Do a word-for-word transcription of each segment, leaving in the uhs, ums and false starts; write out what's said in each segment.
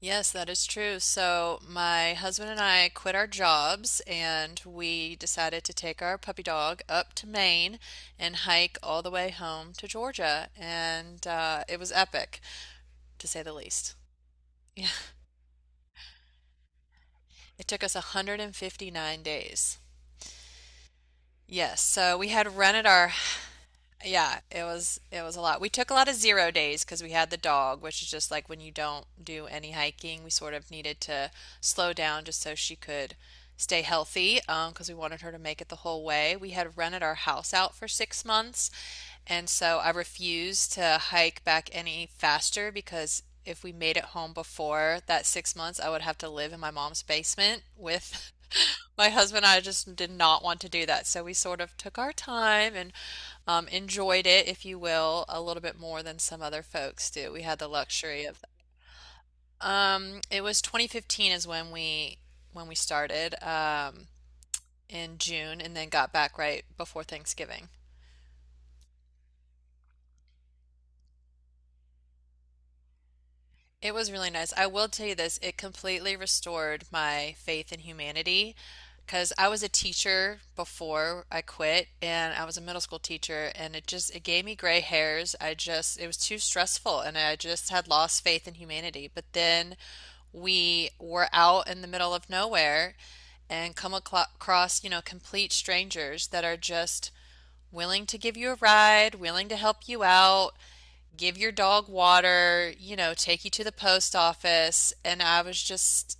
Yes, that is true. So, my husband and I quit our jobs and we decided to take our puppy dog up to Maine and hike all the way home to Georgia. And uh, It was epic, to say the least. Yeah, it took us one hundred fifty-nine days. Yes, so we had rented our. Yeah, it was it was a lot. We took a lot of zero days because we had the dog, which is just like when you don't do any hiking. We sort of needed to slow down just so she could stay healthy, um, because we wanted her to make it the whole way. We had rented our house out for six months, and so I refused to hike back any faster because if we made it home before that six months, I would have to live in my mom's basement with my husband, and I just did not want to do that, so we sort of took our time and um, enjoyed it, if you will, a little bit more than some other folks do. We had the luxury of that. Um, it was twenty fifteen is when we when we started um, in June, and then got back right before Thanksgiving. It was really nice. I will tell you this, it completely restored my faith in humanity because I was a teacher before I quit, and I was a middle school teacher, and it just it gave me gray hairs. I just it was too stressful, and I just had lost faith in humanity. But then we were out in the middle of nowhere and come aclo- across, you know, complete strangers that are just willing to give you a ride, willing to help you out, give your dog water, you know, take you to the post office. And I was just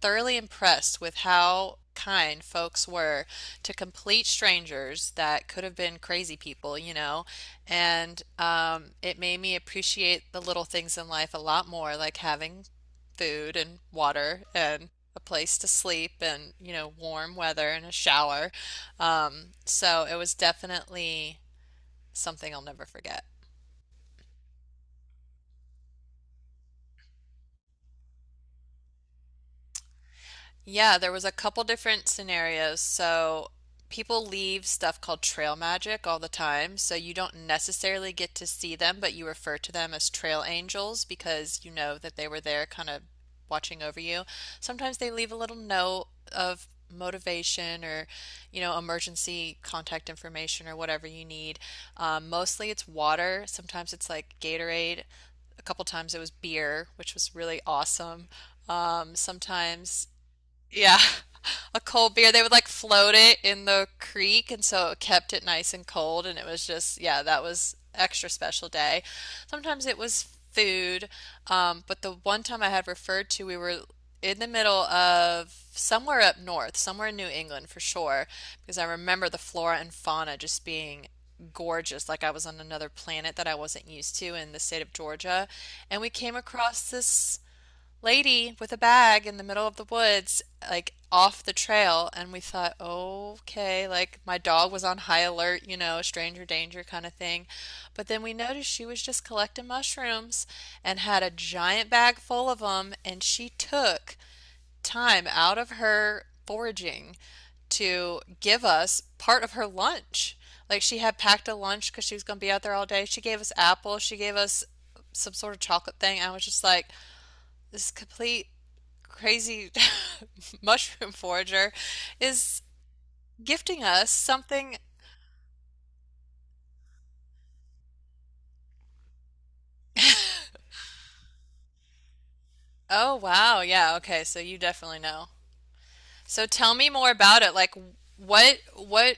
thoroughly impressed with how kind folks were to complete strangers that could have been crazy people, you know. And um, it made me appreciate the little things in life a lot more, like having food and water and a place to sleep and, you know, warm weather and a shower. Um, so it was definitely something I'll never forget. Yeah, there was a couple different scenarios. So people leave stuff called trail magic all the time. So you don't necessarily get to see them, but you refer to them as trail angels because you know that they were there kind of watching over you. Sometimes they leave a little note of motivation or, you know, emergency contact information or whatever you need. Um, mostly it's water. Sometimes it's like Gatorade. A couple times it was beer, which was really awesome. Um, sometimes yeah. A cold beer. They would like float it in the creek, and so it kept it nice and cold. And it was just, yeah, that was extra special day. Sometimes it was food, um, but the one time I had referred to, we were in the middle of somewhere up north, somewhere in New England for sure, because I remember the flora and fauna just being gorgeous, like I was on another planet that I wasn't used to in the state of Georgia. And we came across this lady with a bag in the middle of the woods, like off the trail. And we thought, oh, okay, like my dog was on high alert, you know, stranger danger kind of thing. But then we noticed she was just collecting mushrooms and had a giant bag full of them. And she took time out of her foraging to give us part of her lunch. Like she had packed a lunch because she was going to be out there all day. She gave us apples. She gave us some sort of chocolate thing. I was just like, this is complete crazy mushroom forager is gifting us something. Oh, wow. Yeah, okay. So you definitely know. So tell me more about it. Like what what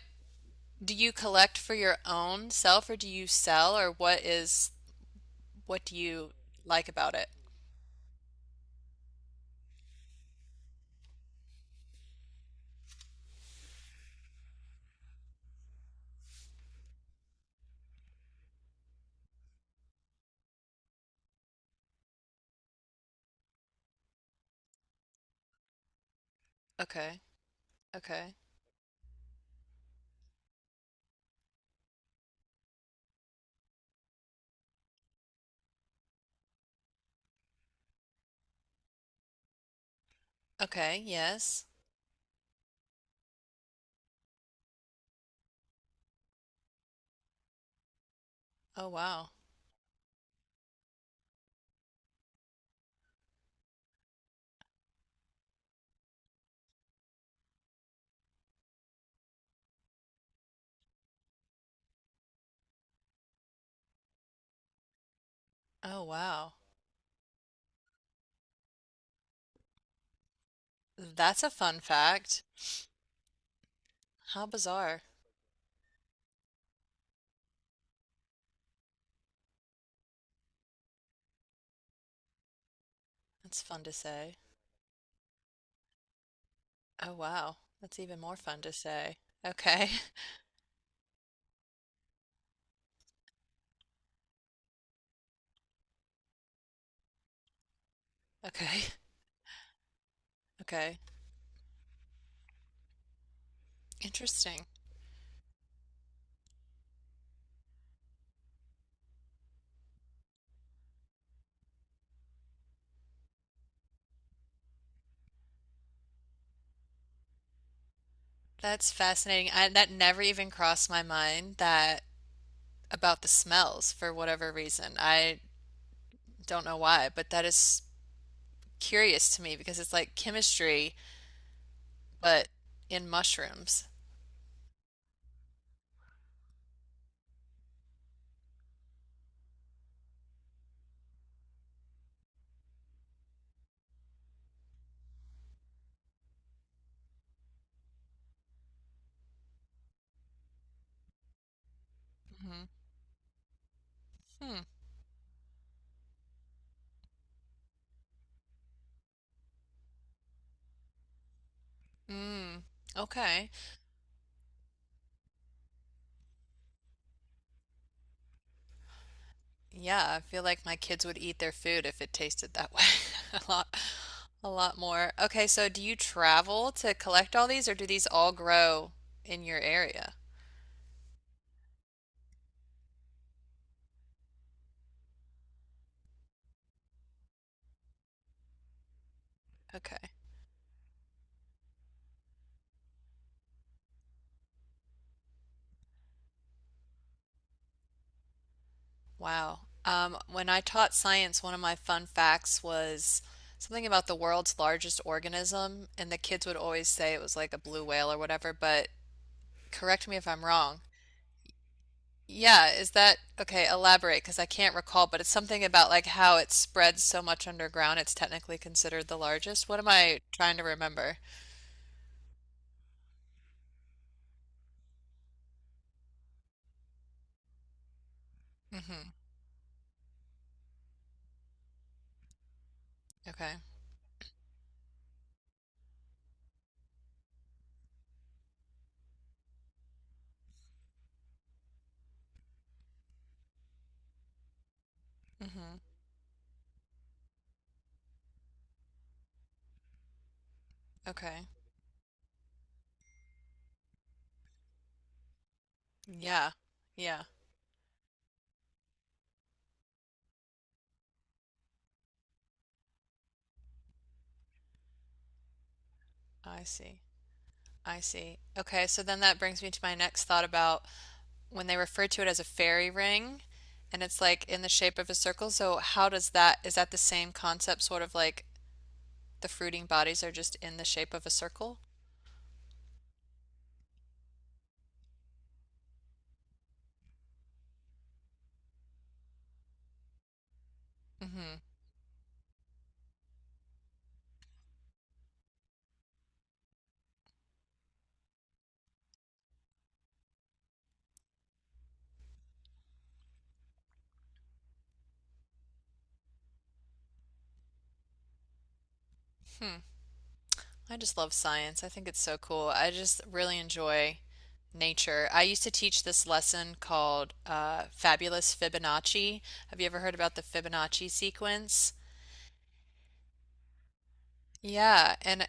do you collect for your own self, or do you sell, or what is what do you like about it? Okay. Okay. Okay. Yes. Oh, wow. Oh, wow. That's a fun fact. How bizarre. That's fun to say. Oh, wow. That's even more fun to say. Okay. Okay. Okay. Interesting. That's fascinating. I, that never even crossed my mind that about the smells for whatever reason. I don't know why, but that is curious to me because it's like chemistry, but in mushrooms. Hmm. Hmm. Mm. Okay. Yeah, I feel like my kids would eat their food if it tasted that way. A lot, a lot more. Okay, so do you travel to collect all these, or do these all grow in your area? Okay. Wow. Um, when I taught science, one of my fun facts was something about the world's largest organism, and the kids would always say it was like a blue whale or whatever, but correct me if I'm wrong. Yeah, is that okay? Elaborate, because I can't recall, but it's something about like how it spreads so much underground, it's technically considered the largest. What am I trying to remember? Mm-hmm. Okay. Mm-hmm. Okay. Yeah. Yeah. I see. I see. Okay, so then that brings me to my next thought about when they refer to it as a fairy ring and it's like in the shape of a circle. So how does that, is that the same concept, sort of like the fruiting bodies are just in the shape of a circle? Hmm. Hmm. I just love science. I think it's so cool. I just really enjoy nature. I used to teach this lesson called uh, Fabulous Fibonacci. Have you ever heard about the Fibonacci sequence? Yeah, and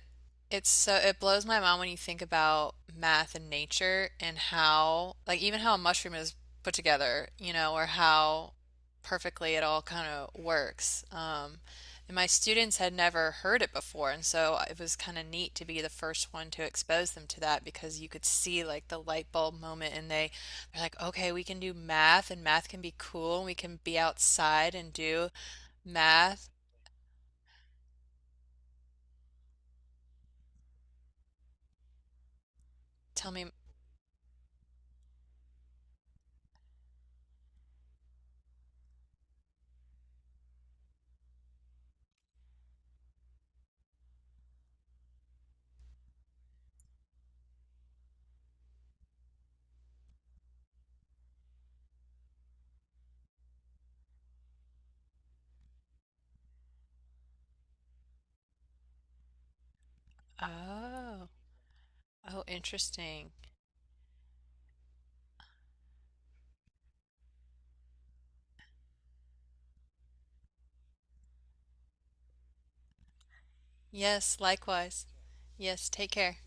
it's so it blows my mind when you think about math and nature and how like even how a mushroom is put together, you know, or how perfectly it all kind of works. Um, and my students had never heard it before, and so it was kind of neat to be the first one to expose them to that because you could see like the light bulb moment, and they they're like, okay, we can do math, and math can be cool, and we can be outside and do math. Tell me, oh. Oh, interesting. Yes, likewise. Yes, take care.